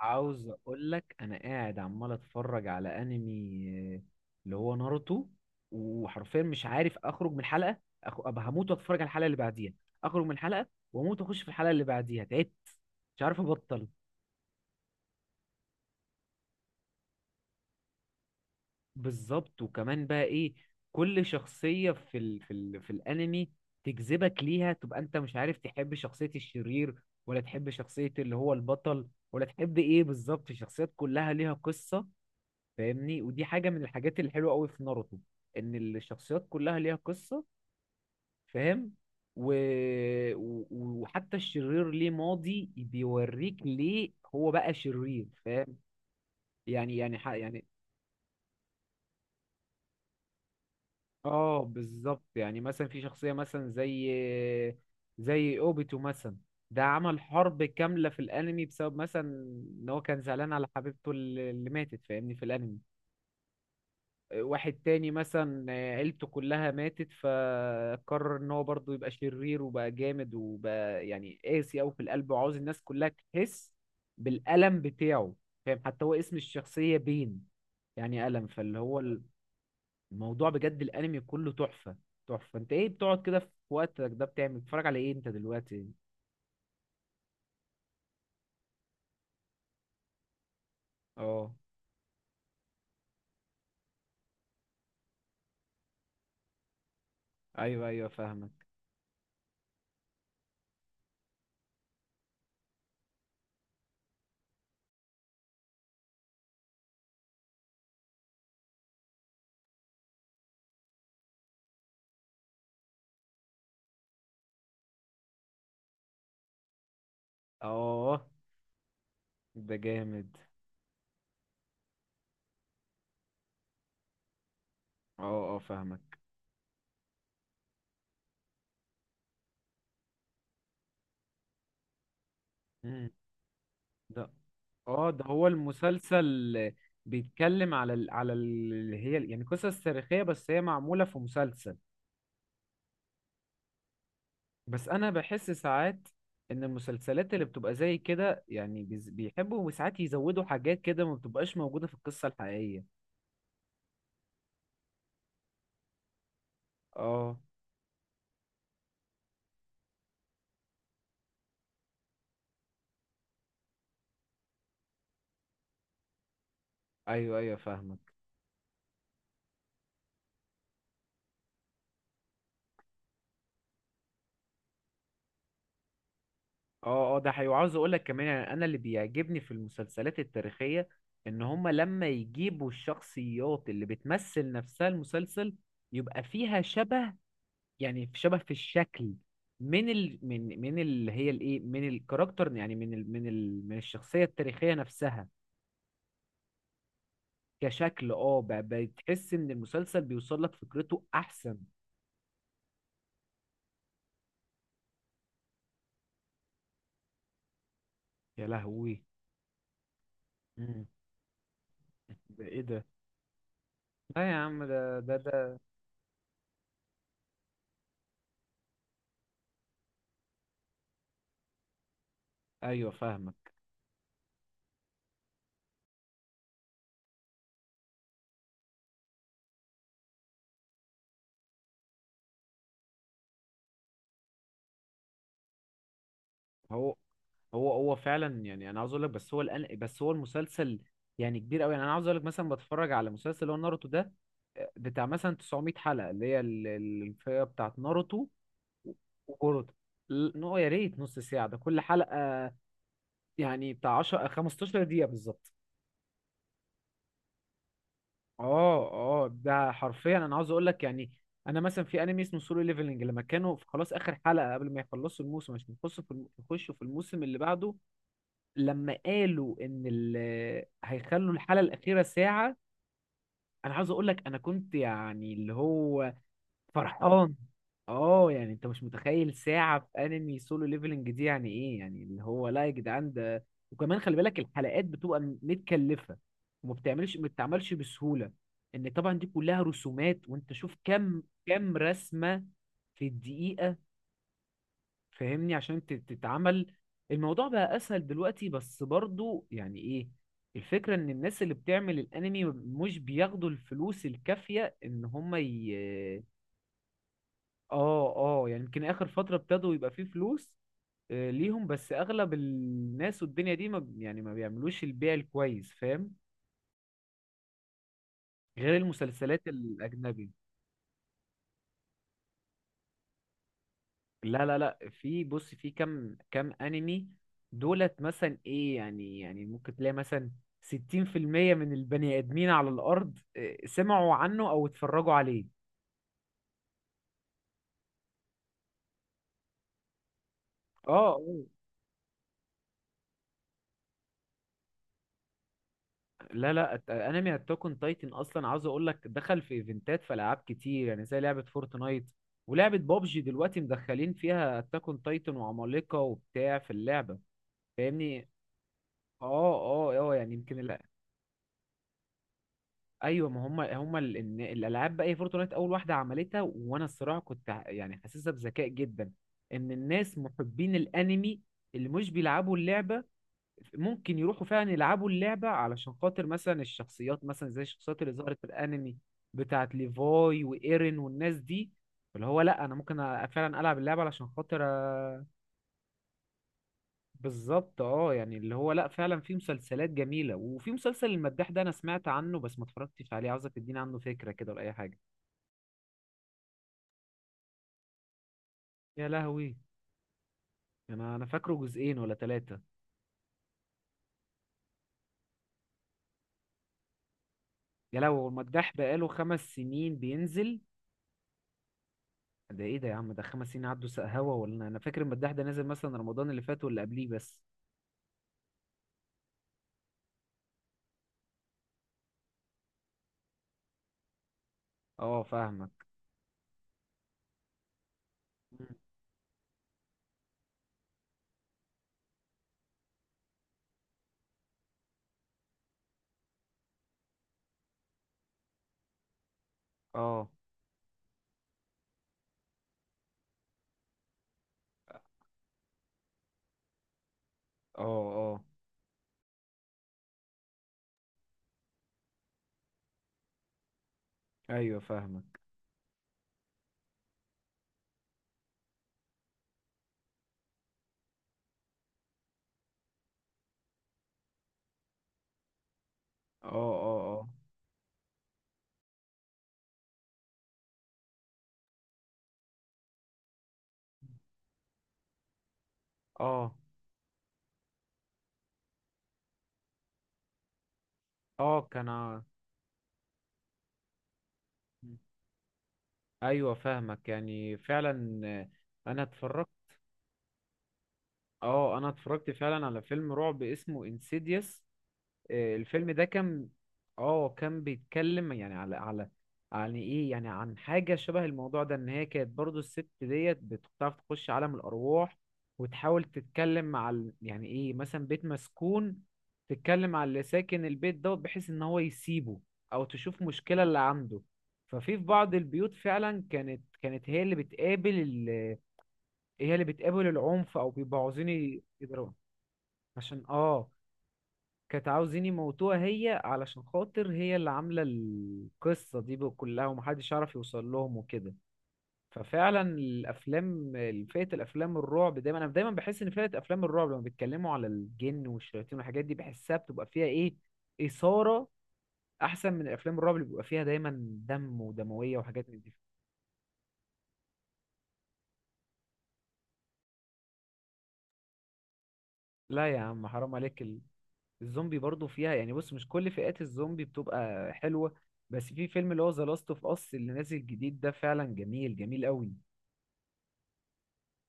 عاوز اقول لك، انا قاعد عمال اتفرج على انمي، آه، اللي هو ناروتو. وحرفيا مش عارف اخرج من حلقه. أبقى هموت واتفرج على الحلقه اللي بعديها، اخرج من حلقه واموت واخش في الحلقه اللي بعديها. تعبت، مش عارف ابطل. بالظبط، وكمان بقى ايه، كل شخصيه في الانمي تجذبك ليها، تبقى انت مش عارف تحب شخصيه الشرير ولا تحب شخصيه اللي هو البطل ولا تحب ايه بالظبط. الشخصيات كلها ليها قصه، فاهمني؟ ودي حاجة من الحاجات الحلوة قوي في ناروتو، ان الشخصيات كلها ليها قصة. فاهم؟ و... و... وحتى الشرير ليه ماضي بيوريك ليه هو بقى شرير. فاهم؟ يعني اه، بالظبط. يعني مثلا في شخصية مثلا زي اوبيتو مثلا، ده عمل حرب كاملة في الانمي بسبب مثلا ان هو كان زعلان على حبيبته اللي ماتت. فاهمني؟ في الانمي واحد تاني مثلا، عيلته كلها ماتت فقرر ان هو برضه يبقى شرير وبقى جامد وبقى يعني قاسي أوي في القلب، وعاوز الناس كلها تحس بالألم بتاعه. فاهم؟ حتى هو اسم الشخصية بين، يعني ألم. فاللي هو الموضوع بجد الأنمي كله تحفة، تحفة. انت ايه بتقعد كده في وقتك ده بتعمل، بتتفرج على ايه انت دلوقتي؟ اه. ايوه، ايوه، فاهمك. اه، ده جامد. اه، اه، فاهمك. ده اه، ده هو المسلسل بيتكلم اللي هي يعني قصص تاريخية، بس هي معمولة في مسلسل. بس انا بحس ساعات ان المسلسلات اللي بتبقى زي كده، يعني بيحبوا ساعات يزودوا حاجات كده ما بتبقاش موجودة في القصة الحقيقية. اه، ايوه، ايوه، فاهمك. اه، اه، ده حقيقي. وعاوز اقول لك كمان، يعني انا اللي بيعجبني في المسلسلات التاريخية ان هما لما يجيبوا الشخصيات اللي بتمثل نفسها المسلسل يبقى فيها شبه، يعني في شبه في الشكل من اللي هي الايه، من الكاركتر، يعني من الشخصيه التاريخيه نفسها. كشكل، اه، بتحس ان المسلسل بيوصل لك فكرته احسن. يا لهوي. مم. ده ايه ده؟ لا يا عم، ده ايوه، فاهمك. هو هو فعلا. يعني انا عاوز اقول لك، بس هو الان، بس هو المسلسل يعني كبير قوي. يعني انا عاوز اقول لك، مثلا بتفرج على مسلسل اللي هو ناروتو ده، بتاع مثلا 900 حلقة، اللي هي الفئة بتاعت ناروتو. وجرد، نو. يا ريت نص ساعة ده كل حلقة، يعني بتاع 10 15 دقيقة بالظبط. اه، اه، ده حرفيا انا عاوز اقول لك، يعني انا مثلا في انمي اسمه سولو ليفلنج، لما كانوا في خلاص اخر حلقة قبل ما يخلصوا الموسم عشان يخشوا يخشوا في الموسم اللي بعده، لما قالوا هيخلوا الحلقة الأخيرة ساعة، انا عاوز اقول لك انا كنت يعني اللي هو فرحان. اه، يعني انت مش متخيل ساعة في انمي سولو ليفلنج دي يعني ايه، يعني اللي هو لا يا جدعان، ده وكمان خلي بالك الحلقات بتبقى متكلفة، وما بتعملش ما بتتعملش بسهولة. ان طبعا دي كلها رسومات، وانت شوف كم رسمة في الدقيقة. فاهمني؟ عشان تتعمل. الموضوع بقى اسهل دلوقتي، بس برضو يعني ايه، الفكرة ان الناس اللي بتعمل الانمي مش بياخدوا الفلوس الكافية ان هم اه، اه. يعني يمكن اخر فتره ابتدوا يبقى فيه فلوس ليهم، بس اغلب الناس والدنيا دي ما ب- يعني ما بيعملوش البيع الكويس. فاهم؟ غير المسلسلات الاجنبي. لا، لا، لا، في بص، في كم انمي دولت مثلا ايه، يعني ممكن تلاقي مثلا 60% من البني ادمين على الارض سمعوا عنه او اتفرجوا عليه. اه، اه. لا، لا. انمي اتاك اون تايتن اصلا، عاوز اقول لك، دخل في ايفنتات في العاب كتير، يعني زي لعبه فورتنايت ولعبه بابجي. دلوقتي مدخلين فيها اتاك اون تايتن وعمالقه وبتاع في اللعبه. فاهمني. اه، اه، اه. يعني يمكن لا. ايوه. ما إن الالعاب بقى، هي فورتنايت اول واحده عملتها، وانا الصراحه كنت يعني حاسسها بذكاء جدا، ان الناس محبين الانمي اللي مش بيلعبوا اللعبه ممكن يروحوا فعلا يلعبوا اللعبة علشان خاطر مثلا الشخصيات، مثلا زي الشخصيات اللي ظهرت في الأنمي بتاعت ليفاي وإيرين والناس دي. اللي هو لأ، أنا ممكن فعلا ألعب اللعبة علشان خاطر. أ- بالظبط. اه، يعني اللي هو لأ، فعلا في مسلسلات جميلة. وفي مسلسل المداح ده أنا سمعت عنه بس ما اتفرجتش عليه، عاوزك تديني عنه فكرة كده ولا أي حاجة. يا لهوي. أنا فاكره جزئين ولا ثلاثة. يا لهوي، المداح بقاله خمس سنين بينزل؟ ده ايه ده يا عم، ده خمس سنين عدوا سق هوا؟ ولا أنا فاكر المداح ده نازل مثلا رمضان اللي فات واللي قبليه بس. اه، فاهمك. مم. اه، اه، اه، ايوه، فاهمك. اه، اه، اه، اه، اه، كان مم. ايوه، فاهمك، يعني فعلا. انا اتفرجت. اه، انا اتفرجت فعلا على فيلم رعب اسمه انسيديوس. الفيلم ده كان اه، كان بيتكلم يعني على يعني ايه، يعني عن حاجة شبه الموضوع ده، ان هي كانت برضو الست ديت بتعرف تخش عالم الارواح، وتحاول تتكلم يعني ايه، مثلا بيت مسكون، تتكلم على اللي ساكن البيت دوت بحيث ان هو يسيبه، او تشوف مشكلة اللي عنده. ففي بعض البيوت فعلا، كانت هي اللي بتقابل هي اللي بتقابل العنف او بيبقوا عاوزين يضربوا، عشان اه، كانت عاوزين يموتوها هي علشان خاطر هي اللي عاملة القصة دي بقى كلها، ومحدش يعرف يوصل لهم وكده. ففعلا الأفلام، فئة الأفلام الرعب دايما، أنا دايما بحس إن فئة أفلام الرعب لما بيتكلموا على الجن والشياطين والحاجات دي بحسها بتبقى فيها إيه، إثارة، أحسن من الأفلام الرعب اللي بيبقى فيها دايما دم ودموية وحاجات من دي. لا يا عم، حرام عليك. الزومبي برضو فيها، يعني بص، مش كل فئات الزومبي بتبقى حلوة، بس في فيلم اللي هو ذا لاست اوف اس اللي نازل جديد ده فعلا جميل جميل قوي.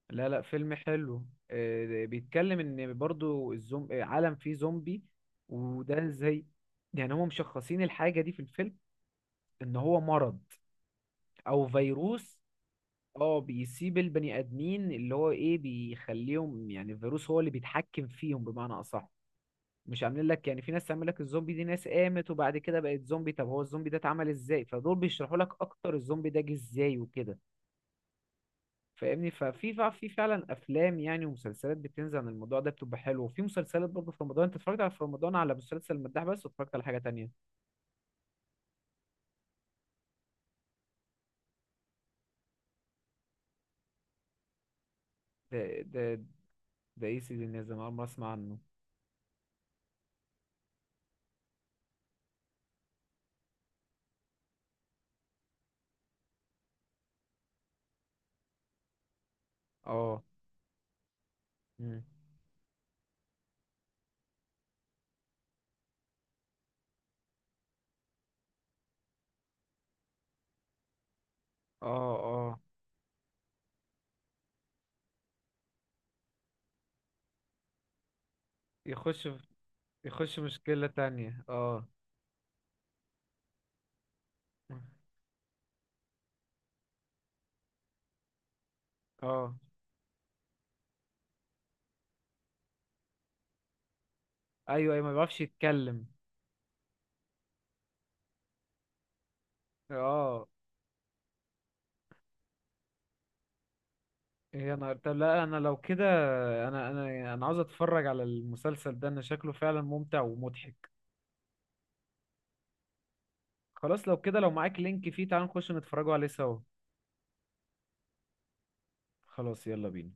لا، لا، فيلم حلو. بيتكلم ان برضو الزوم... آه، عالم فيه زومبي. وده زي، يعني هم مشخصين الحاجة دي في الفيلم ان هو مرض او فيروس. اه، بيسيب البني ادمين اللي هو ايه بيخليهم، يعني الفيروس هو اللي بيتحكم فيهم بمعنى اصح. مش عاملين لك يعني في ناس تعمل لك الزومبي دي، ناس قامت وبعد كده بقت زومبي. طب هو الزومبي ده اتعمل ازاي؟ فدول بيشرحوا لك اكتر الزومبي ده جه ازاي وكده. فاهمني. ففي فع- في فعلا افلام يعني ومسلسلات بتنزل عن الموضوع ده بتبقى حلوه. وفي مسلسلات برضه في رمضان، انت اتفرجت في رمضان على مسلسل المداح بس، واتفرجت على حاجه تانية؟ ده ده ده ايه سيدي الناس ده؟ انا اول مره اسمع عنه. اه. مم. اه، اه. يخش في- يخش مشكله تانية. اه، اه، ايوه، ايوه، ما بيعرفش يتكلم. اه. إيه، يا نهار طب. لا انا لو كده، انا عاوز اتفرج على المسلسل ده، انا شكله فعلا ممتع ومضحك. خلاص، لو كده لو معاك لينك فيه، تعال نخش نتفرجوا عليه سوا. خلاص، يلا بينا.